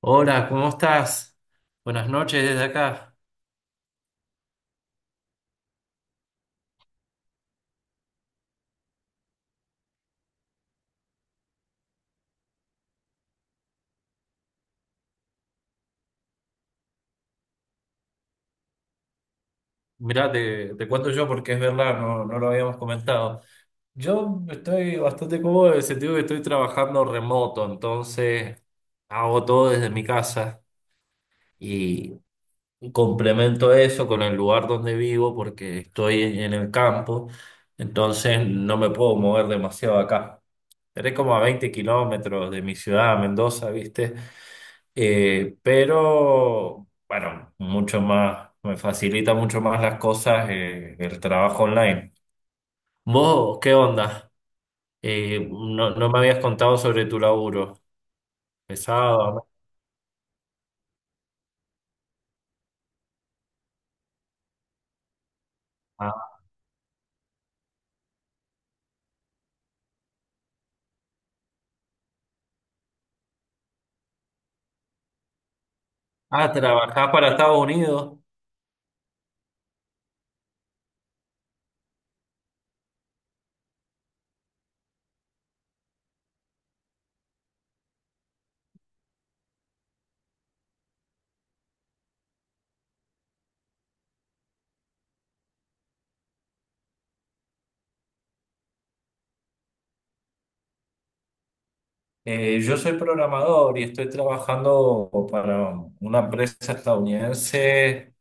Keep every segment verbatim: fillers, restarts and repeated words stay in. Hola, ¿cómo estás? Buenas noches desde acá. Mirá, te, te cuento yo porque es verdad, no, no lo habíamos comentado. Yo estoy bastante cómodo en el sentido que estoy trabajando remoto, entonces hago todo desde mi casa y complemento eso con el lugar donde vivo porque estoy en, en el campo, entonces no me puedo mover demasiado acá. Estaré como a veinte kilómetros de mi ciudad, Mendoza, ¿viste? Eh, pero, bueno, mucho más, me facilita mucho más las cosas eh, el trabajo online. ¿Vos qué onda? Eh, no, no me habías contado sobre tu laburo. Pesado. ¿No? Ah, ah, trabajás para Estados Unidos. Eh, yo soy programador y estoy trabajando para una empresa estadounidense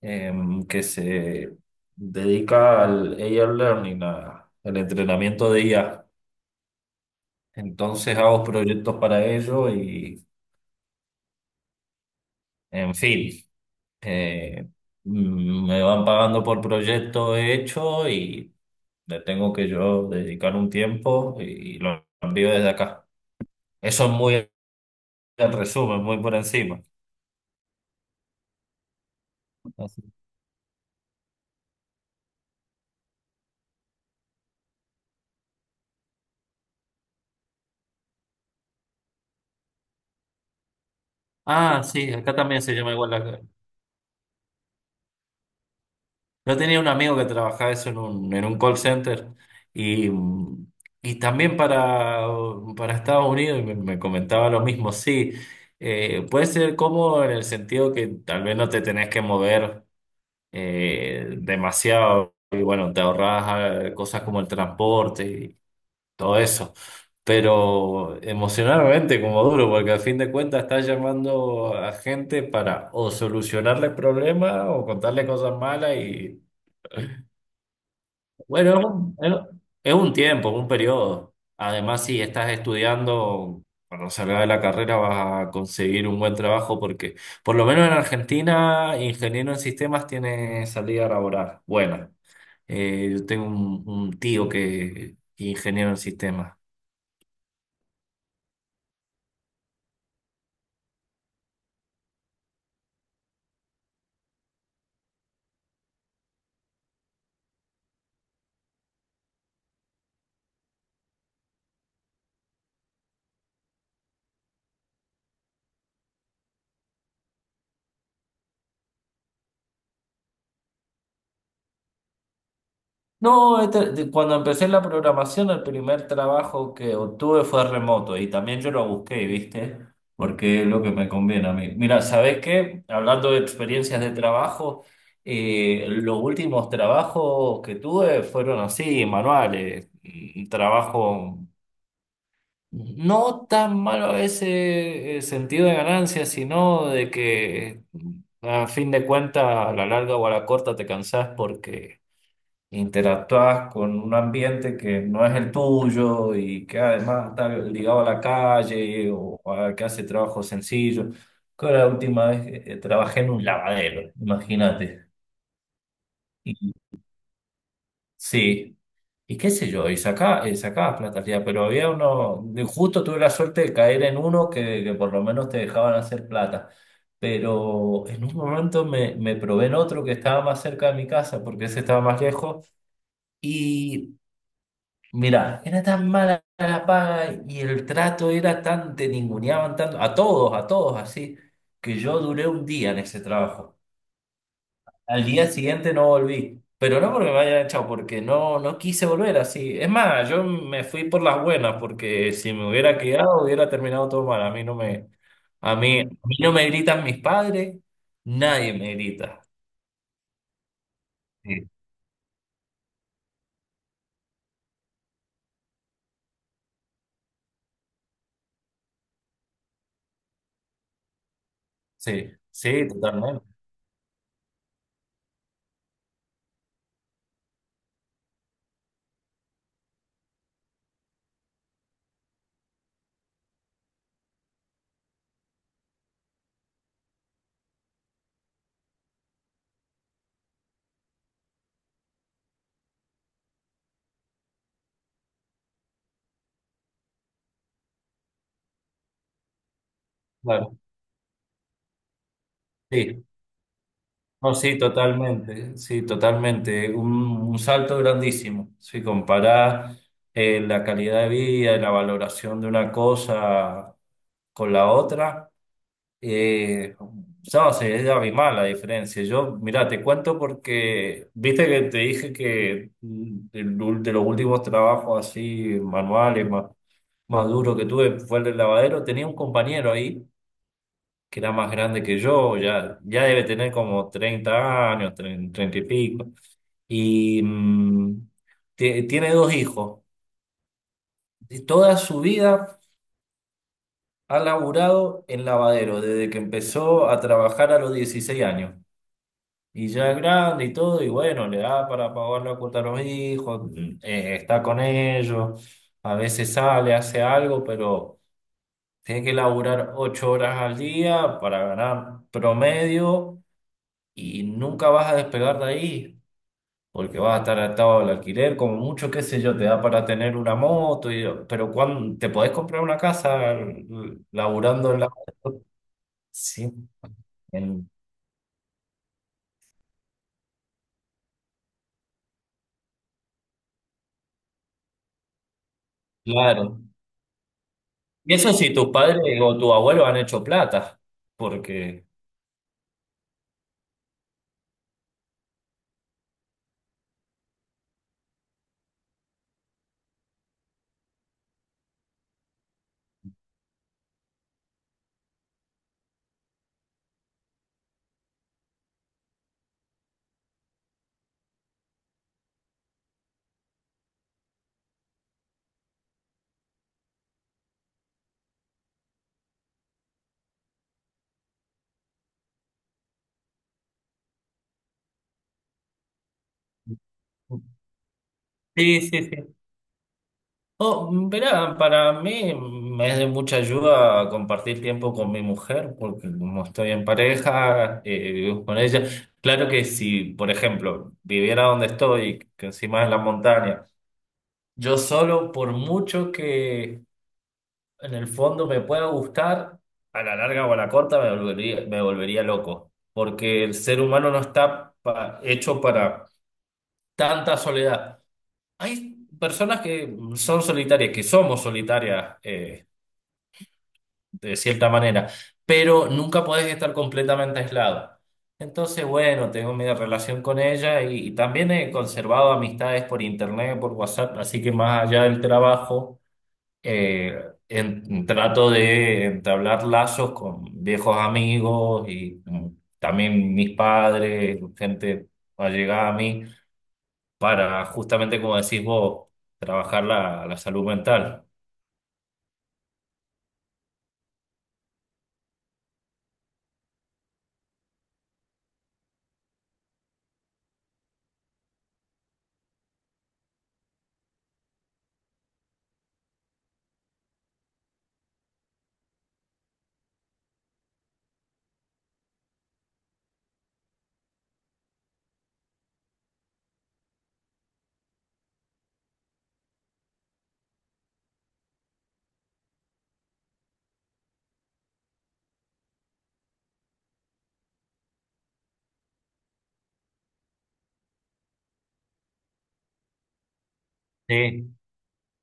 em, que se dedica al A I Learning, a- al entrenamiento de I A. Entonces hago proyectos para ello y, en fin, eh, mm, me van pagando por proyecto hecho y le tengo que yo dedicar un tiempo y lo envío desde acá. Eso es muy el resumen, muy por encima. Así. Ah, sí, acá también se llama igual la, yo tenía un amigo que trabajaba eso en un, en un call center y, mm, y también para, para Estados Unidos y me, me comentaba lo mismo. Sí, eh, puede ser cómodo en el sentido que tal vez no te tenés que mover eh, demasiado y bueno, te ahorras eh, cosas como el transporte y todo eso. Pero emocionalmente como duro, porque al fin de cuentas estás llamando a gente para o solucionarle problemas o contarle cosas malas y... Bueno, es un, es- es un tiempo, un periodo. Además, si estás estudiando, cuando salgas de la carrera vas a conseguir un buen trabajo porque, por lo menos en Argentina, ingeniero en sistemas tiene salida laboral. Bueno, eh, yo tengo un, un tío que es ingeniero en sistemas. No, este- de- cuando empecé la programación, el primer trabajo que obtuve fue remoto y también yo lo busqué, ¿viste? Porque es lo que me conviene a mí. Mira, ¿sabés qué? Hablando de experiencias de trabajo, eh, los últimos trabajos que tuve fueron así, manuales, mm, trabajo no tan malo a ese eh, sentido de ganancia, sino de que a fin de cuentas, a la larga o a la corta te cansás porque interactúas con un ambiente que no es el tuyo y que además está ligado a la calle o a que hace trabajo sencillo. Creo que la última vez eh, trabajé en un lavadero, imagínate. Y, sí, y qué sé yo, y sacaba, eh, sacaba plata al día, pero había uno, de- justo tuve la suerte de caer en uno que, que por lo menos te dejaban hacer plata. Pero en un momento me, me probé en otro que estaba más cerca de mi casa, porque ese estaba más lejos. y Mira, era tan mala la paga y el trato era tan, te ninguneaban tanto, a todos, a todos así, que yo duré un día en ese trabajo. Al día siguiente no volví, pero no porque me hayan echado, porque no, no quise volver así. Es más, yo me fui por las buenas, porque si me hubiera quedado hubiera terminado todo mal. A mí no me, a mí, a mí no me gritan mis padres, nadie me grita. Sí, sí, sí, totalmente. Claro, sí. No, sí, totalmente, sí, totalmente. Un, un salto grandísimo. Si comparás eh, la calidad de vida y la valoración de una cosa con la otra, eh, no, sí, es abismal la diferencia. Yo, mira, te cuento porque, viste que te dije que mm, el ul- de los últimos trabajos así manuales más, más duros que tuve fue el del lavadero. Tenía un compañero ahí que era más grande que yo, ya, ya debe tener como treinta años, tre- treinta y pico. Y mm, tie- tiene dos hijos. Y toda su vida ha laburado en lavadero, desde que empezó a trabajar a los dieciséis años. Y ya es grande y todo, y bueno, le da para pagar la cuota a los hijos, mm, eh, está con ellos, a veces sale, hace algo, pero tiene que laburar ocho horas al día para ganar promedio y nunca vas a despegar de ahí, porque vas a estar atado al alquiler, como mucho, qué sé yo, te da para tener una moto, y- pero cuando te podés comprar una casa l- laburando en la... Sí, en- claro. Y eso si tus padres o tu abuelo han hecho plata, porque... Sí, sí, sí. Oh, verá, para mí me es de mucha ayuda compartir tiempo con mi mujer, porque como estoy en pareja, eh, vivo con ella. Claro que si, por ejemplo, viviera donde estoy, que encima es la montaña, yo solo, por mucho que en el fondo me pueda gustar, a la larga o a la corta me volvería, me volvería loco, porque el ser humano no está pa- hecho para tanta soledad. Hay personas que son solitarias, que somos solitarias. Eh, de cierta manera, pero nunca podés estar completamente aislado. Entonces, bueno, tengo mi relación con ella y, y también he conservado amistades por internet, por WhatsApp, así que más allá del trabajo, eh, en- trato de entablar lazos con viejos amigos y mm, también mis padres, gente allegada a mí, para justamente, como decís vos, trabajar la la salud mental. Sí.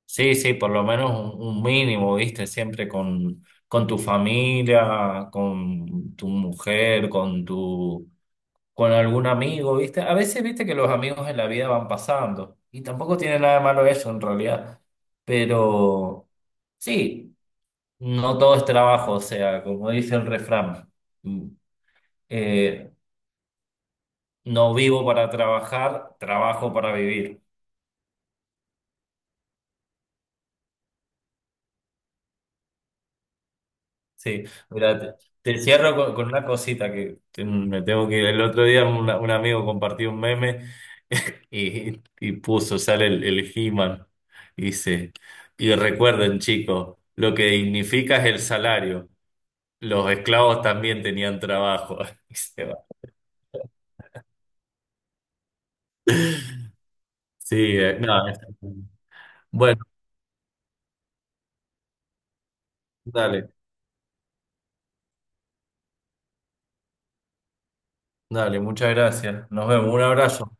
Sí, sí, por lo menos un, un mínimo, viste, siempre con, con tu familia, con tu mujer, con tu, con algún amigo, viste. A veces, viste, que los amigos en la vida van pasando y tampoco tiene nada de malo eso en realidad. Pero sí, no todo es trabajo, o sea, como dice el refrán, mm, eh, no vivo para trabajar, trabajo para vivir. Sí, mira, te, te cierro con, con una cosita que te- me tengo que ir. El otro día una- un amigo compartió un meme y, y puso, sale el, el He-Man, y dice, y recuerden chicos, lo que dignifica es el salario. Los esclavos también tenían trabajo. Y se va. Sí, eh, no, es- Bueno, dale, dale, muchas gracias. Nos vemos, un abrazo.